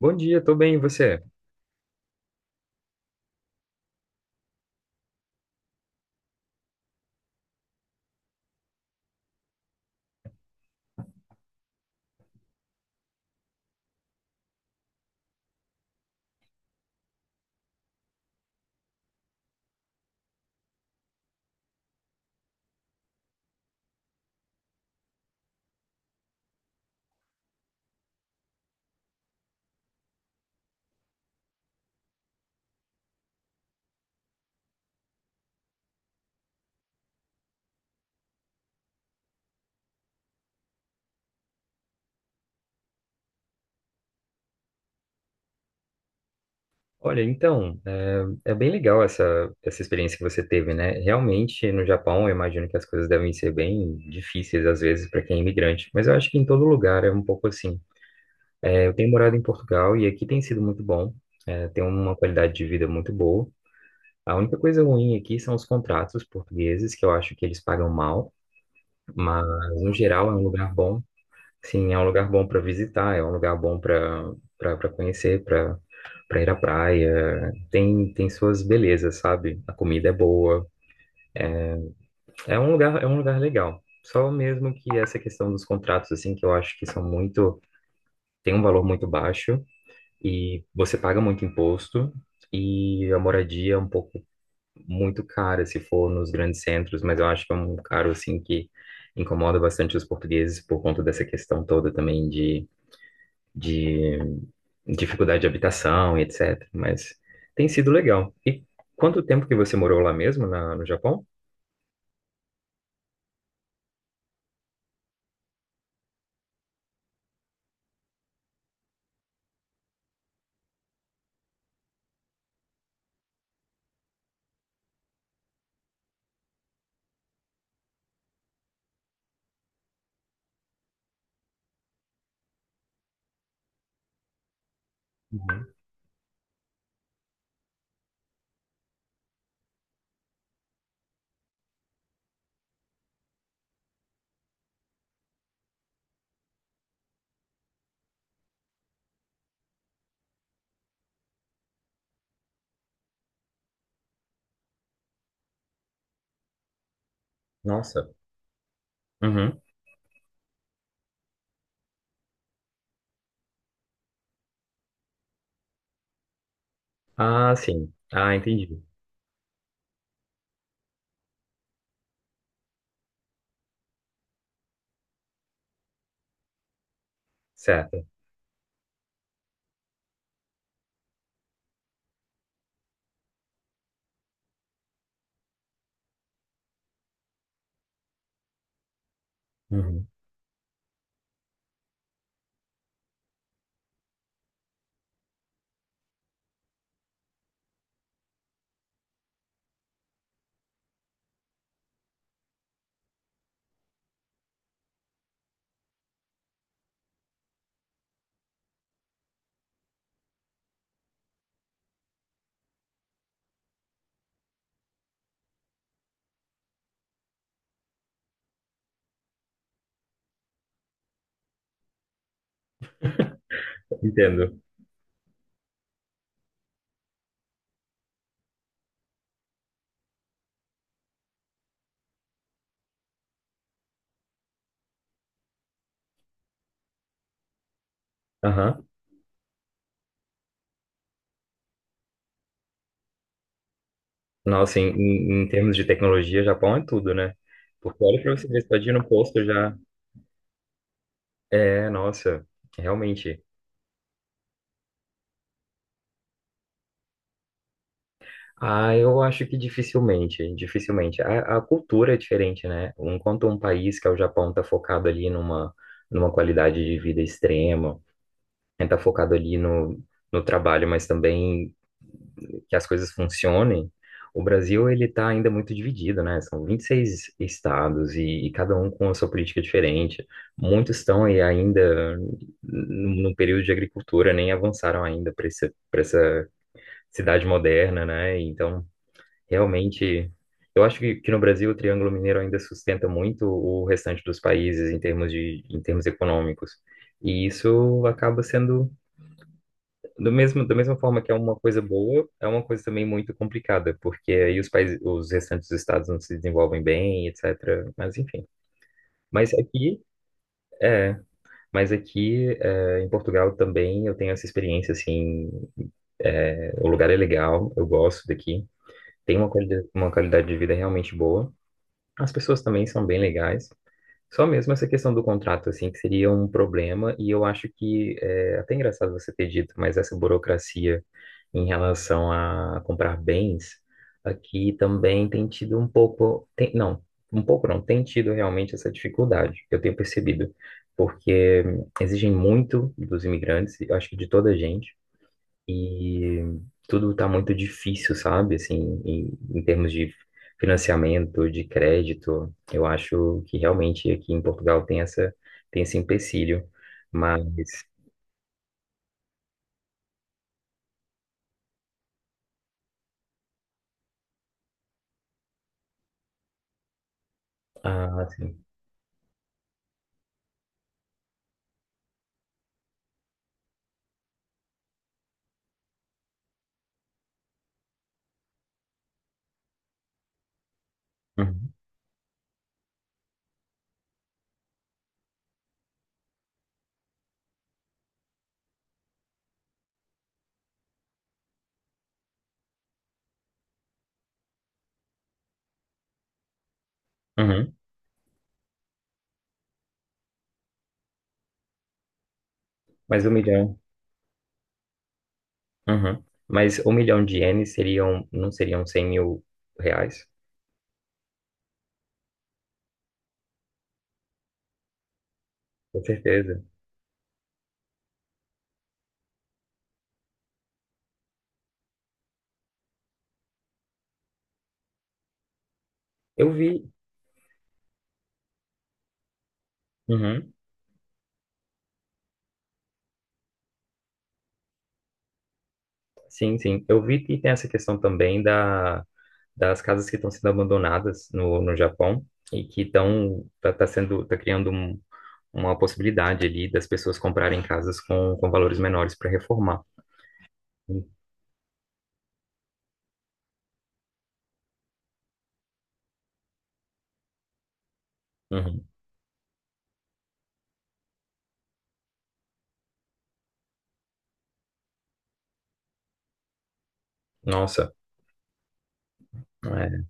Bom dia, tô bem, e você? Olha, então, é bem legal essa experiência que você teve, né? Realmente, no Japão, eu imagino que as coisas devem ser bem difíceis, às vezes, para quem é imigrante, mas eu acho que em todo lugar é um pouco assim. É, eu tenho morado em Portugal e aqui tem sido muito bom, é, tem uma qualidade de vida muito boa. A única coisa ruim aqui são os contratos portugueses, que eu acho que eles pagam mal, mas, no geral, é um lugar bom. Sim, é um lugar bom para visitar, é um lugar bom para conhecer, para ir à praia. Tem suas belezas, sabe? A comida é boa. É um lugar, é um lugar legal. Só mesmo que essa questão dos contratos assim, que eu acho que são muito, tem um valor muito baixo e você paga muito imposto e a moradia é um pouco muito cara se for nos grandes centros, mas eu acho que é um caro assim que incomoda bastante os portugueses por conta dessa questão toda também de dificuldade de habitação e etc. Mas tem sido legal. E quanto tempo que você morou lá mesmo, no Japão? Uhum. Nossa. Uhum. Ah, sim. Ah, entendi. Certo. Uhum. Entendo. Aham. Nossa, em, em termos de tecnologia, Japão é tudo, né? Porque olha pra você ver, você tá ir no posto já. É, nossa, realmente. Ah, eu acho que dificilmente, dificilmente. A cultura é diferente, né? Enquanto um país, que é o Japão, está focado numa qualidade de vida extrema, está focado ali no, no trabalho, mas também que as coisas funcionem, o Brasil, ele está ainda muito dividido, né? São 26 estados e cada um com a sua política diferente. Muitos estão aí ainda no período de agricultura, nem avançaram ainda para essa cidade moderna, né? Então, realmente, eu acho que no Brasil o Triângulo Mineiro ainda sustenta muito o restante dos países em termos de, em termos econômicos. E isso acaba sendo, da mesma forma que é uma coisa boa, é uma coisa também muito complicada, porque aí os países, os restantes estados não se desenvolvem bem, etc. Mas enfim. Mas aqui, é, mas aqui é, em Portugal também eu tenho essa experiência, assim, é, o lugar é legal, eu gosto daqui, tem uma qualidade de vida realmente boa. As pessoas também são bem legais. Só mesmo essa questão do contrato, assim, que seria um problema, e eu acho que é até engraçado você ter dito, mas essa burocracia em relação a comprar bens, aqui também tem tido um pouco, tem, não, um pouco não, tem tido realmente essa dificuldade, eu tenho percebido, porque exigem muito dos imigrantes, eu acho que de toda a gente, e tudo tá muito difícil, sabe? Assim, em, em termos de financiamento, de crédito, eu acho que realmente aqui em Portugal tem essa, tem esse empecilho, mas, ah, sim, uhum, uhum, mas um milhão, uhum, mas um milhão de ienes seriam, não seriam 100 mil reais? Com certeza. Eu vi, uhum, sim, sim, eu vi que tem essa questão também da das casas que estão sendo abandonadas no Japão e que estão tá, tá sendo tá criando um, uma possibilidade ali das pessoas comprarem casas com valores menores para reformar. Uhum. Nossa, é,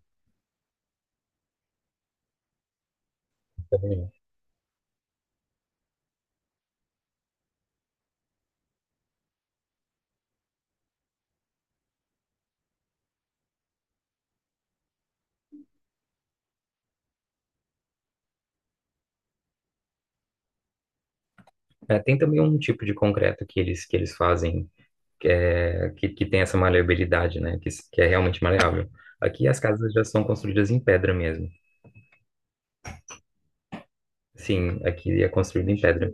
é, tem também um tipo de concreto que eles fazem que, é, que tem essa maleabilidade, né? Que é realmente maleável. Aqui as casas já são construídas em pedra mesmo. Sim, aqui é construído em pedra.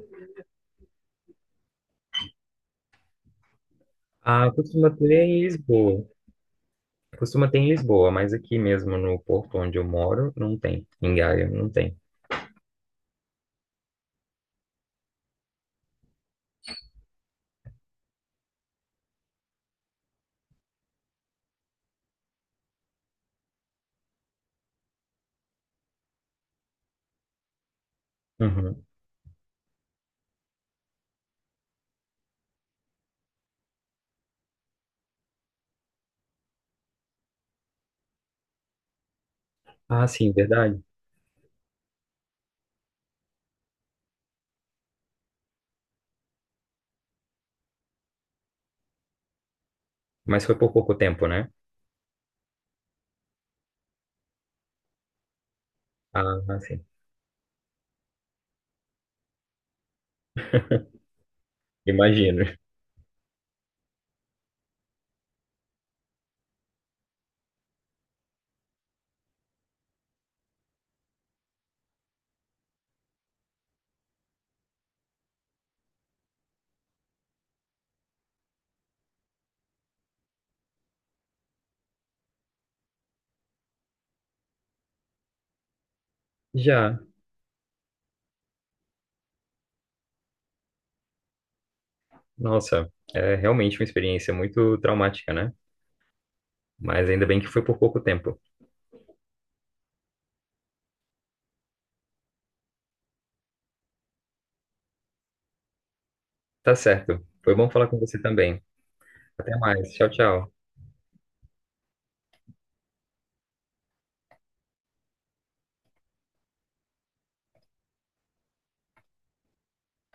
Ah, costuma ter em Lisboa. Costuma ter em Lisboa, mas aqui mesmo no Porto onde eu moro, não tem. Em Gaia, não tem. Uhum. Ah, sim, verdade. Mas foi por pouco tempo, né? Ah, ah, sim. Imagino. Já. Nossa, é realmente uma experiência muito traumática, né? Mas ainda bem que foi por pouco tempo. Tá certo. Foi bom falar com você também. Até mais. Tchau, tchau.